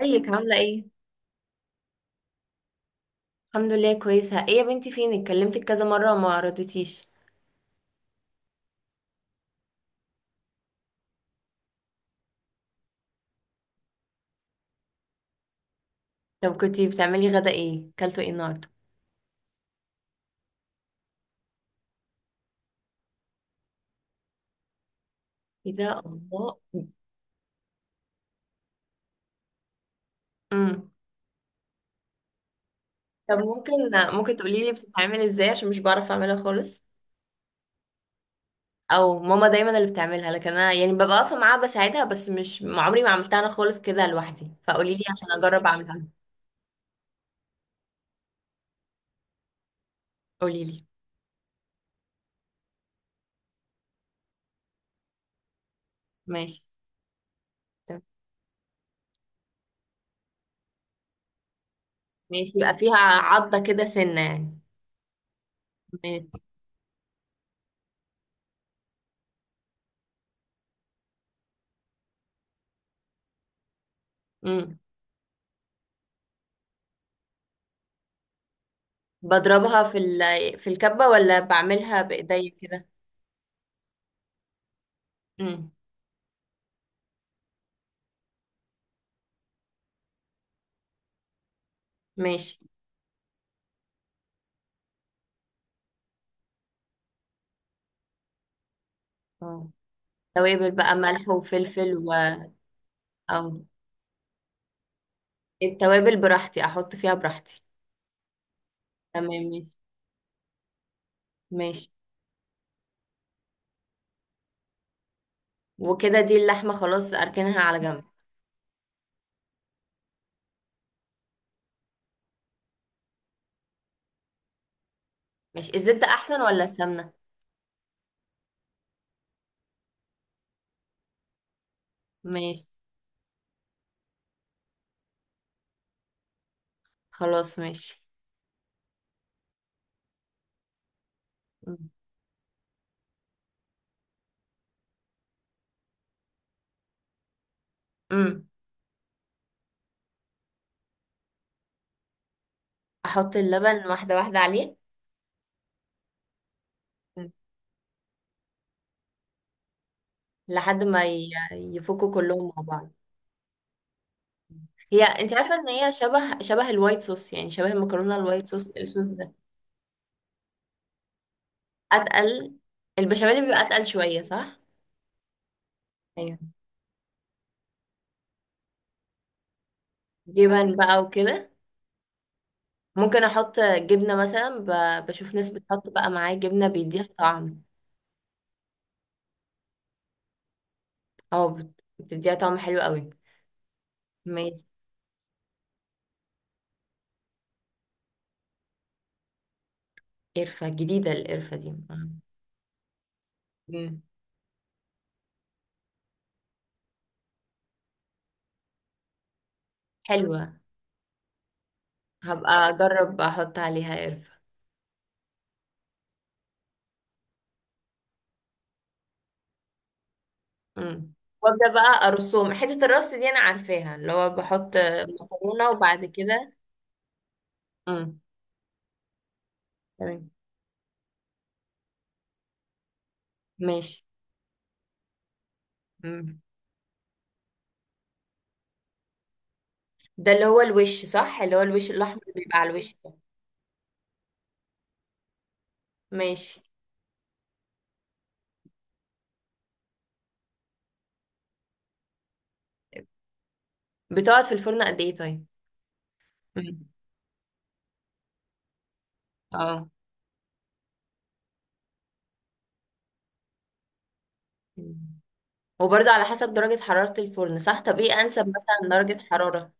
ازيك، عاملة ايه؟ الحمد لله، كويسة. ايه يا بنتي، فين؟ اتكلمتك كذا مرة وما ردتيش. طب كنتي بتعملي غدا ايه، كلتوا ايه النهاردة؟ ايه ده، الله! امم. طب ممكن، ممكن تقولي لي بتتعمل ازاي عشان مش بعرف اعملها خالص. او ماما دايما اللي بتعملها، لكن انا يعني ببقى واقفة معاها بساعدها، بس مش عمري ما عملتها انا خالص كده لوحدي، فقولي لي عشان اجرب اعملها. قولي لي. ماشي. طب. ماشي، يبقى فيها عضة كده، سنة يعني. ماشي. امم. بضربها في الكبة، ولا بعملها بايديا كده؟ امم. ماشي. اه. توابل بقى، ملح وفلفل و... او، التوابل براحتي، احط فيها براحتي. تمام، ماشي. ماشي. وكده دي اللحمة خلاص اركنها على جنب؟ ماشي. الزبدة احسن ولا السمنة؟ ماشي. خلاص ماشي. امم. احط اللبن واحدة واحدة عليه؟ مم. لحد ما يفكوا كلهم مع بعض. هي انت عارفة ان هي شبه الوايت صوص؟ يعني شبه المكرونة الوايت صوص، الصوص ده. اتقل، البشاميل بيبقى اتقل شوية صح؟ ايوه. جبن بقى وكده؟ ممكن احط جبنه مثلا، بشوف ناس بتحط بقى معاه جبنه بيديها طعم. اه، بتديها طعم حلو قوي. ماشي. قرفه؟ جديده القرفه دي؟ مم. حلوه. هبقى اجرب احط عليها قرفه. مم. وابدا بقى ارسم حته الرص دي، انا عارفاها اللي هو بحط مكرونه وبعد كده. مم. تمام. ماشي. مم. ده اللي هو الوش صح؟ اللي هو الوش الاحمر اللي بيبقى على الوش ده. ماشي. بتقعد في الفرن قد ايه طيب؟ اه. مم. وبرضه على حسب درجة حرارة الفرن صح؟ طب ايه انسب مثلا درجة حرارة؟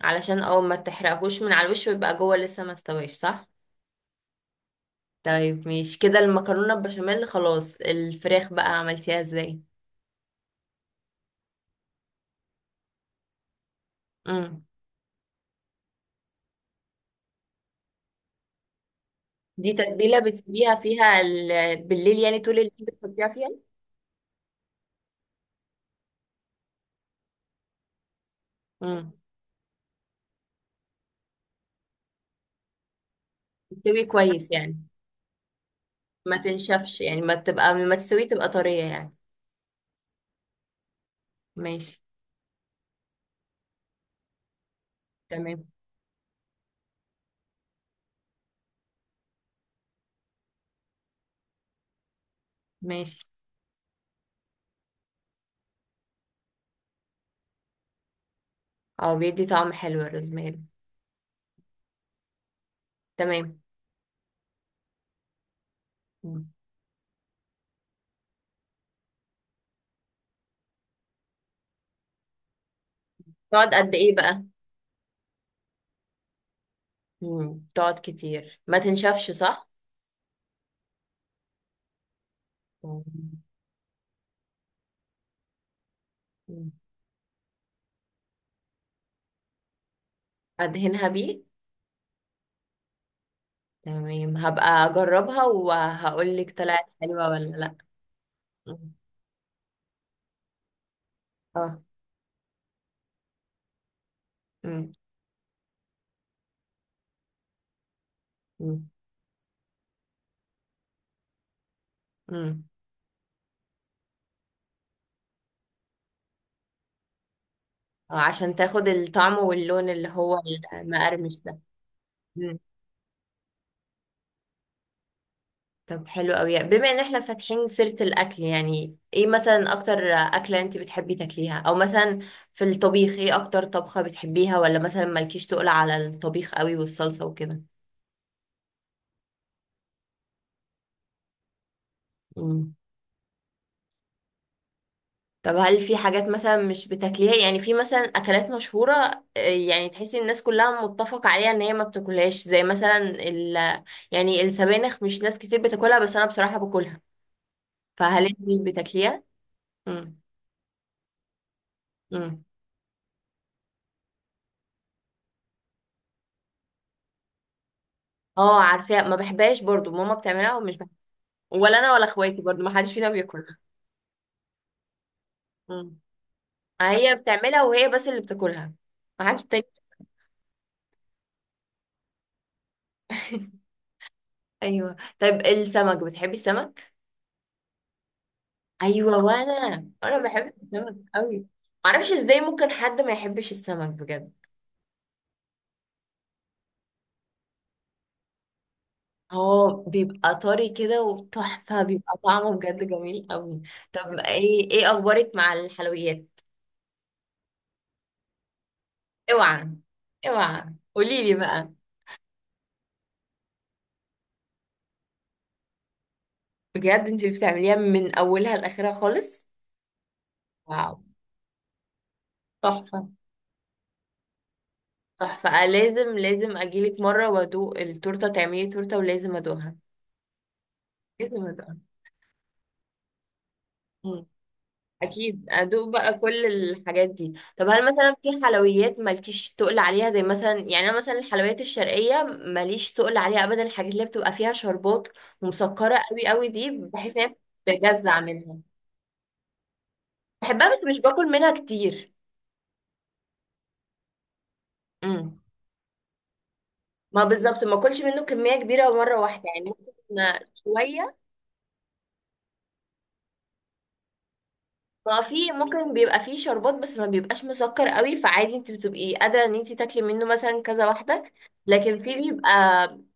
علشان اه ما تحرقهوش من على الوش ويبقى جوه لسه ما استويش صح؟ طيب ماشي كده المكرونة البشاميل خلاص. الفراخ بقى عملتيها ازاي؟ امم. دي تتبيلة بتسيبيها فيها بالليل يعني طول الليل؟ بتحطيها فيها. امم. تستوي كويس يعني، ما تنشفش يعني، ما تبقى، ما تستوي، تبقى طرية يعني. ماشي. تمام. ماشي. اه، بيدي طعم حلو الروزماري. تمام. تقعد قد ايه بقى؟ مم. تقعد كتير، ما تنشفش صح؟ مم. مم. ادهنها بيه. تمام، هبقى اجربها وهقول لك طلعت حلوة ولا لا. مم. اه. مم. مم. مم. عشان تاخد الطعم واللون اللي هو المقرمش ده. مم. طب حلو قوي، بما ان احنا فاتحين سيرة الاكل، يعني ايه مثلا اكتر اكلة انت بتحبي تاكليها؟ او مثلا في الطبيخ ايه اكتر طبخة بتحبيها؟ ولا مثلا مالكيش تقول على الطبيخ قوي والصلصة وكده؟ مم. طب هل في حاجات مثلا مش بتاكليها؟ يعني في مثلا اكلات مشهوره، يعني تحسي إن الناس كلها متفقه عليها ان هي ما بتاكلهاش، زي مثلا يعني السبانخ، مش ناس كتير بتاكلها بس انا بصراحه باكلها، فهل انت بتاكليها؟ امم. امم. اه عارفاها، ما بحبهاش برضو. ماما بتعملها ومش بحبها، ولا انا ولا اخواتي برضو ما حدش فينا بياكلها. امم. هي بتعملها وهي بس اللي بتاكلها، ما حدش تاني. ايوه. طيب السمك، بتحبي السمك؟ ايوه وانا، انا بحب السمك قوي. معرفش ازاي ممكن حد ما يحبش السمك بجد. هو بيبقى طري كده وتحفه، بيبقى طعمه بجد جميل قوي. طب ايه، اخبارك مع الحلويات؟ اوعى، اوعى، قولي لي بقى. بجد انت اللي بتعمليها من اولها لاخرها خالص؟ واو. تحفه، تحفه، لازم لازم اجيلك مره وادوق التورته. تعملي تورته ولازم ادوقها. لازم ادوقها. اكيد ادوق بقى كل الحاجات دي. طب هل مثلا في حلويات مالكيش تقل عليها؟ زي مثلا، يعني انا مثلا الحلويات الشرقيه ماليش تقل عليها ابدا. الحاجات اللي بتبقى فيها شربات ومسكره قوي قوي دي، بحس ان هي بتجزع منها. بحبها بس مش باكل منها كتير. امم. ما بالظبط، ما اكلش منه كميه كبيره مره واحده يعني، ممكن شويه. ما في ممكن بيبقى فيه شربات بس ما بيبقاش مسكر قوي، فعادي انت بتبقي قادرة ان انت تاكلي منه مثلا كذا واحدة. لكن في بيبقى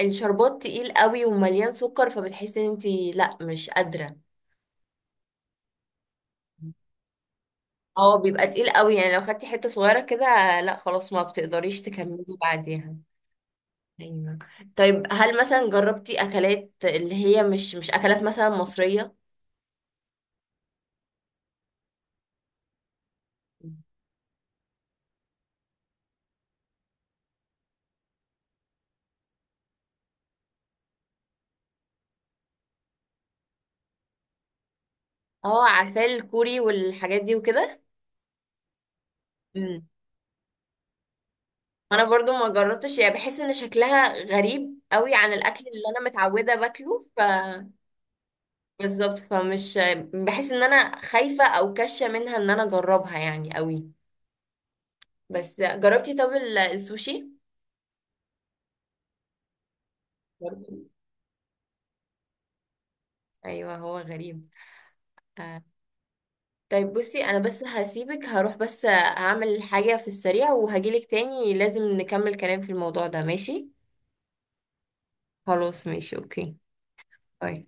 الشربات تقيل قوي ومليان سكر، فبتحسي ان انت لا مش قادرة. اه بيبقى تقيل قوي، يعني لو خدتي حتة صغيرة كده، لا خلاص ما بتقدريش تكملي بعديها. ايوه. طيب هل مثلا جربتي اكلات اللي هي مش اكلات مثلا مصرية؟ اه عارفة الكوري والحاجات دي وكده. انا برضو ما جربتش يعني، بحس ان شكلها غريب قوي عن الاكل اللي انا متعوده باكله ف... بالظبط، فمش، بحس ان انا خايفه او كشه منها ان انا اجربها يعني قوي. بس جربتي طب السوشي؟ برضو. ايوه هو غريب. آه. طيب بصي، انا بس هسيبك، هروح بس هعمل حاجه في السريع وهجيلك تاني، لازم نكمل كلام في الموضوع ده ماشي؟ خلاص ماشي، اوكي. باي.